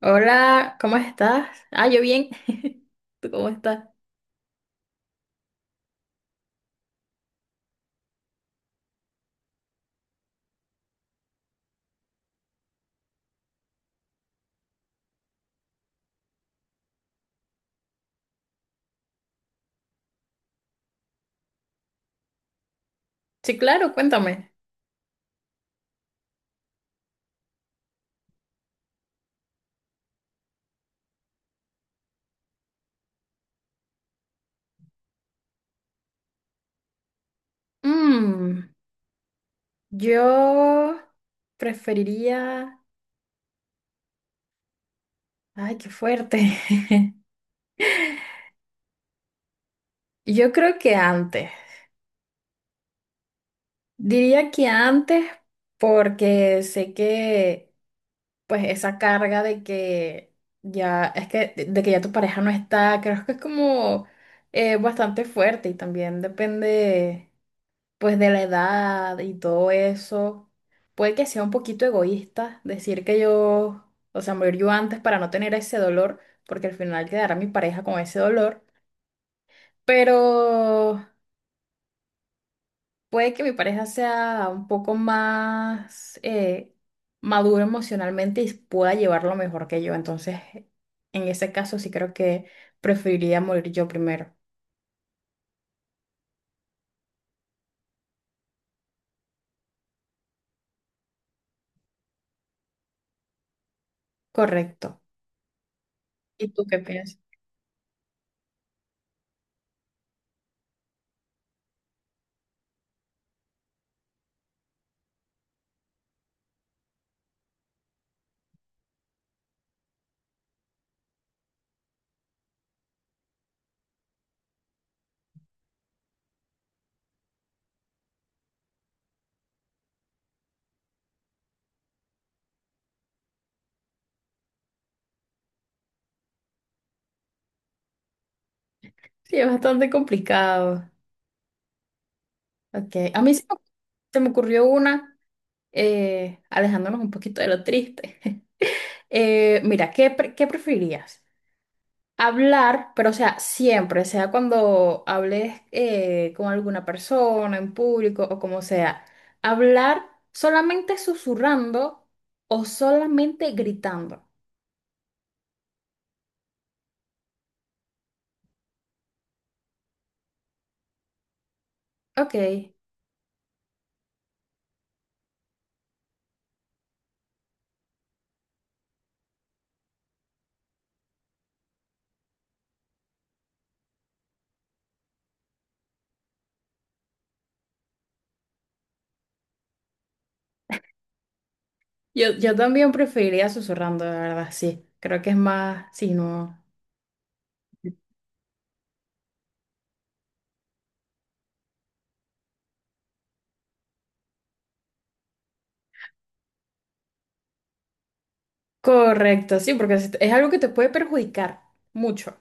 Hola, ¿cómo estás? Yo bien. ¿Tú cómo estás? Sí, claro, cuéntame. Mm, yo preferiría... Ay, qué fuerte. Yo creo que antes. Diría que antes porque sé que, pues, esa carga de que ya es que de que ya tu pareja no está, creo que es como bastante fuerte, y también depende, pues, de la edad y todo eso. Puede que sea un poquito egoísta decir que yo, o sea, morir yo antes para no tener ese dolor, porque al final quedará mi pareja con ese dolor. Pero puede que mi pareja sea un poco más maduro emocionalmente y pueda llevarlo mejor que yo, entonces en ese caso sí creo que preferiría morir yo primero. Correcto. ¿Y tú qué piensas? Sí, es bastante complicado. Ok, a mí se me ocurrió una, alejándonos un poquito de lo triste. Mira, ¿ qué preferirías? Hablar, pero, o sea, siempre, sea cuando hables con alguna persona, en público o como sea, hablar solamente susurrando o solamente gritando. Ok, yo también preferiría susurrando, la verdad, sí. Creo que es más, sí, no. Correcto, sí, porque es algo que te puede perjudicar mucho.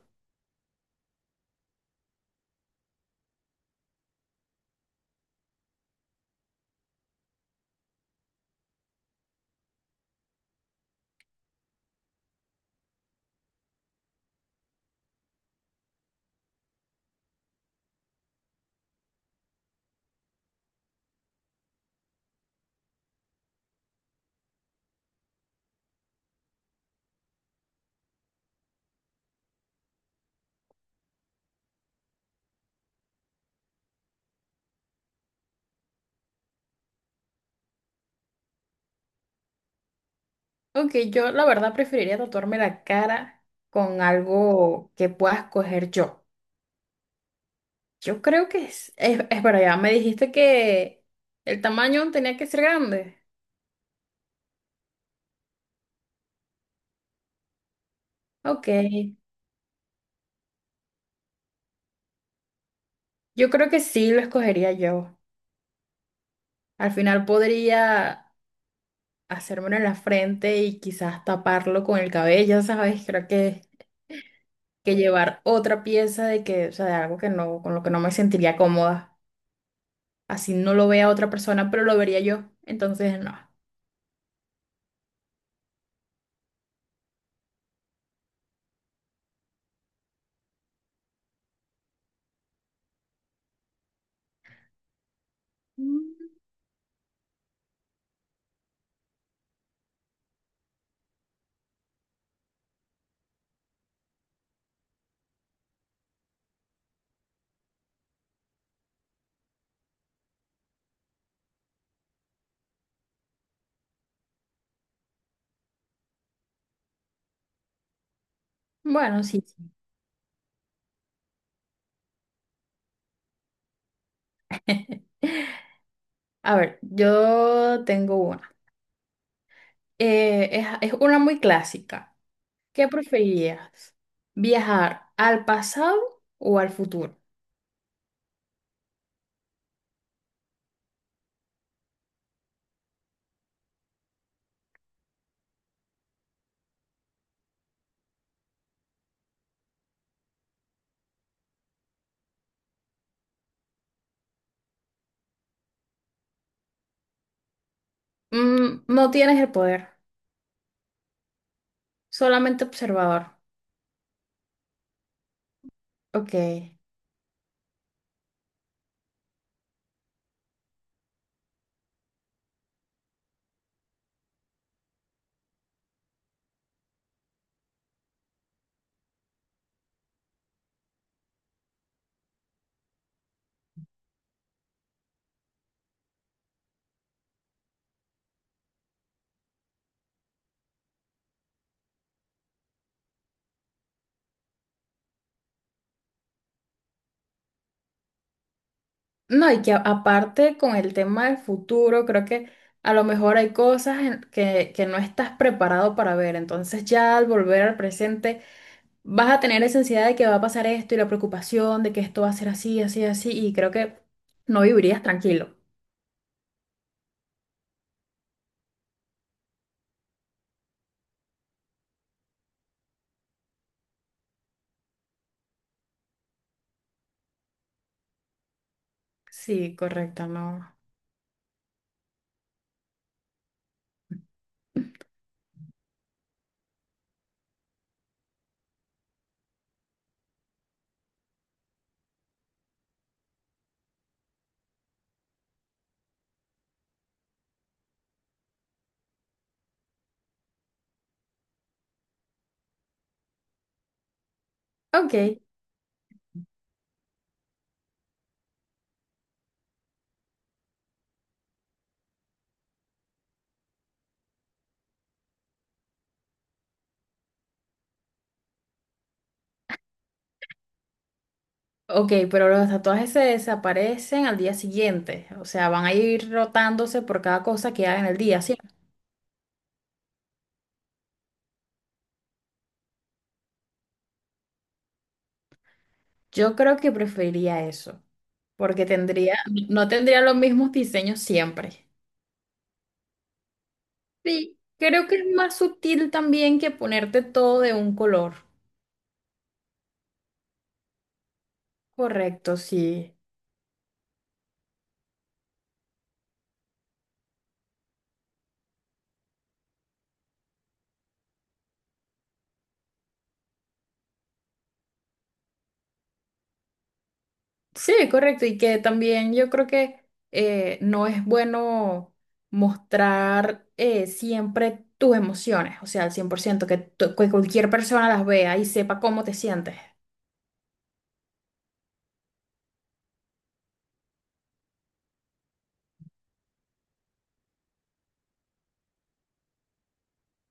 Ok, yo la verdad preferiría tatuarme la cara con algo que pueda escoger yo. Yo creo que es verdad, ya me dijiste que el tamaño tenía que ser grande. Ok, yo creo que sí lo escogería yo. Al final podría hacérmelo en la frente y quizás taparlo con el cabello, ¿sabes? Creo que llevar otra pieza de que, o sea, de algo que no, con lo que no me sentiría cómoda. Así no lo vea otra persona, pero lo vería yo. Entonces, no. Bueno, sí, sí. A ver, yo tengo una. Es una muy clásica. ¿Qué preferirías? ¿Viajar al pasado o al futuro? No tienes el poder, solamente observador. Ok. No, y que aparte con el tema del futuro, creo que a lo mejor hay cosas que no estás preparado para ver. Entonces ya al volver al presente, vas a tener esa ansiedad de que va a pasar esto y la preocupación de que esto va a ser así, así, así, y creo que no vivirías tranquilo. Sí, correcto, no. Ok, ok, pero los tatuajes se desaparecen al día siguiente, o sea, van a ir rotándose por cada cosa que hagan el día, ¿sí? Yo creo que preferiría eso, porque no tendría los mismos diseños siempre. Sí, creo que es más sutil también que ponerte todo de un color. Correcto, sí. Sí, correcto. Y que también yo creo que no es bueno mostrar siempre tus emociones, o sea, al 100%, que, que cualquier persona las vea y sepa cómo te sientes.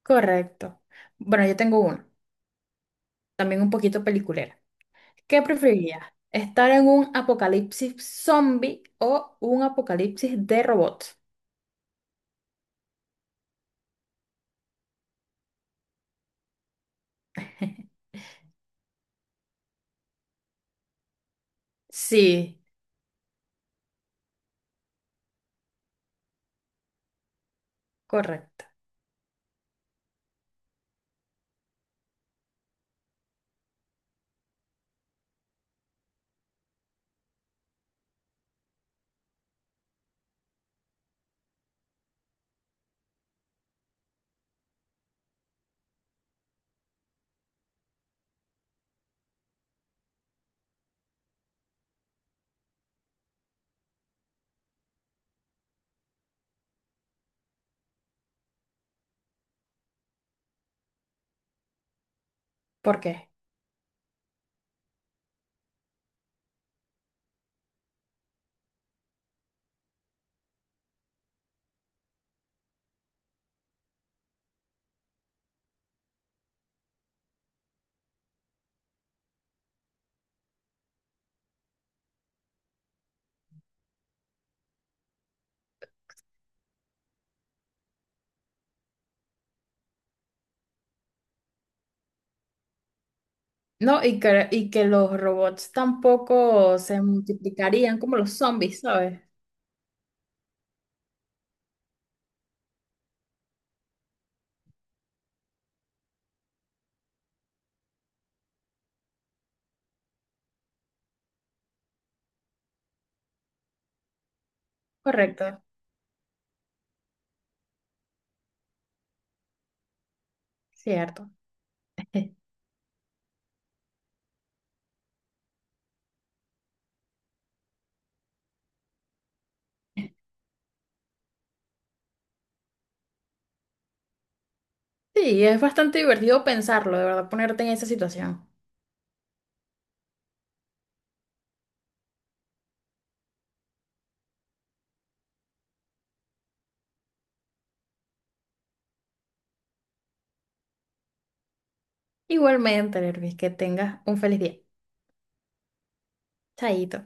Correcto. Bueno, yo tengo uno, también un poquito peliculera. ¿Qué preferirías? ¿Estar en un apocalipsis zombie o un apocalipsis de robots? Sí, correcto. ¿Por qué? No, y que los robots tampoco se multiplicarían como los zombies, ¿sabes? Correcto, cierto. Sí, es bastante divertido pensarlo, de verdad, ponerte en esa situación. Igualmente, Lervis, que tengas un feliz día. Chaito.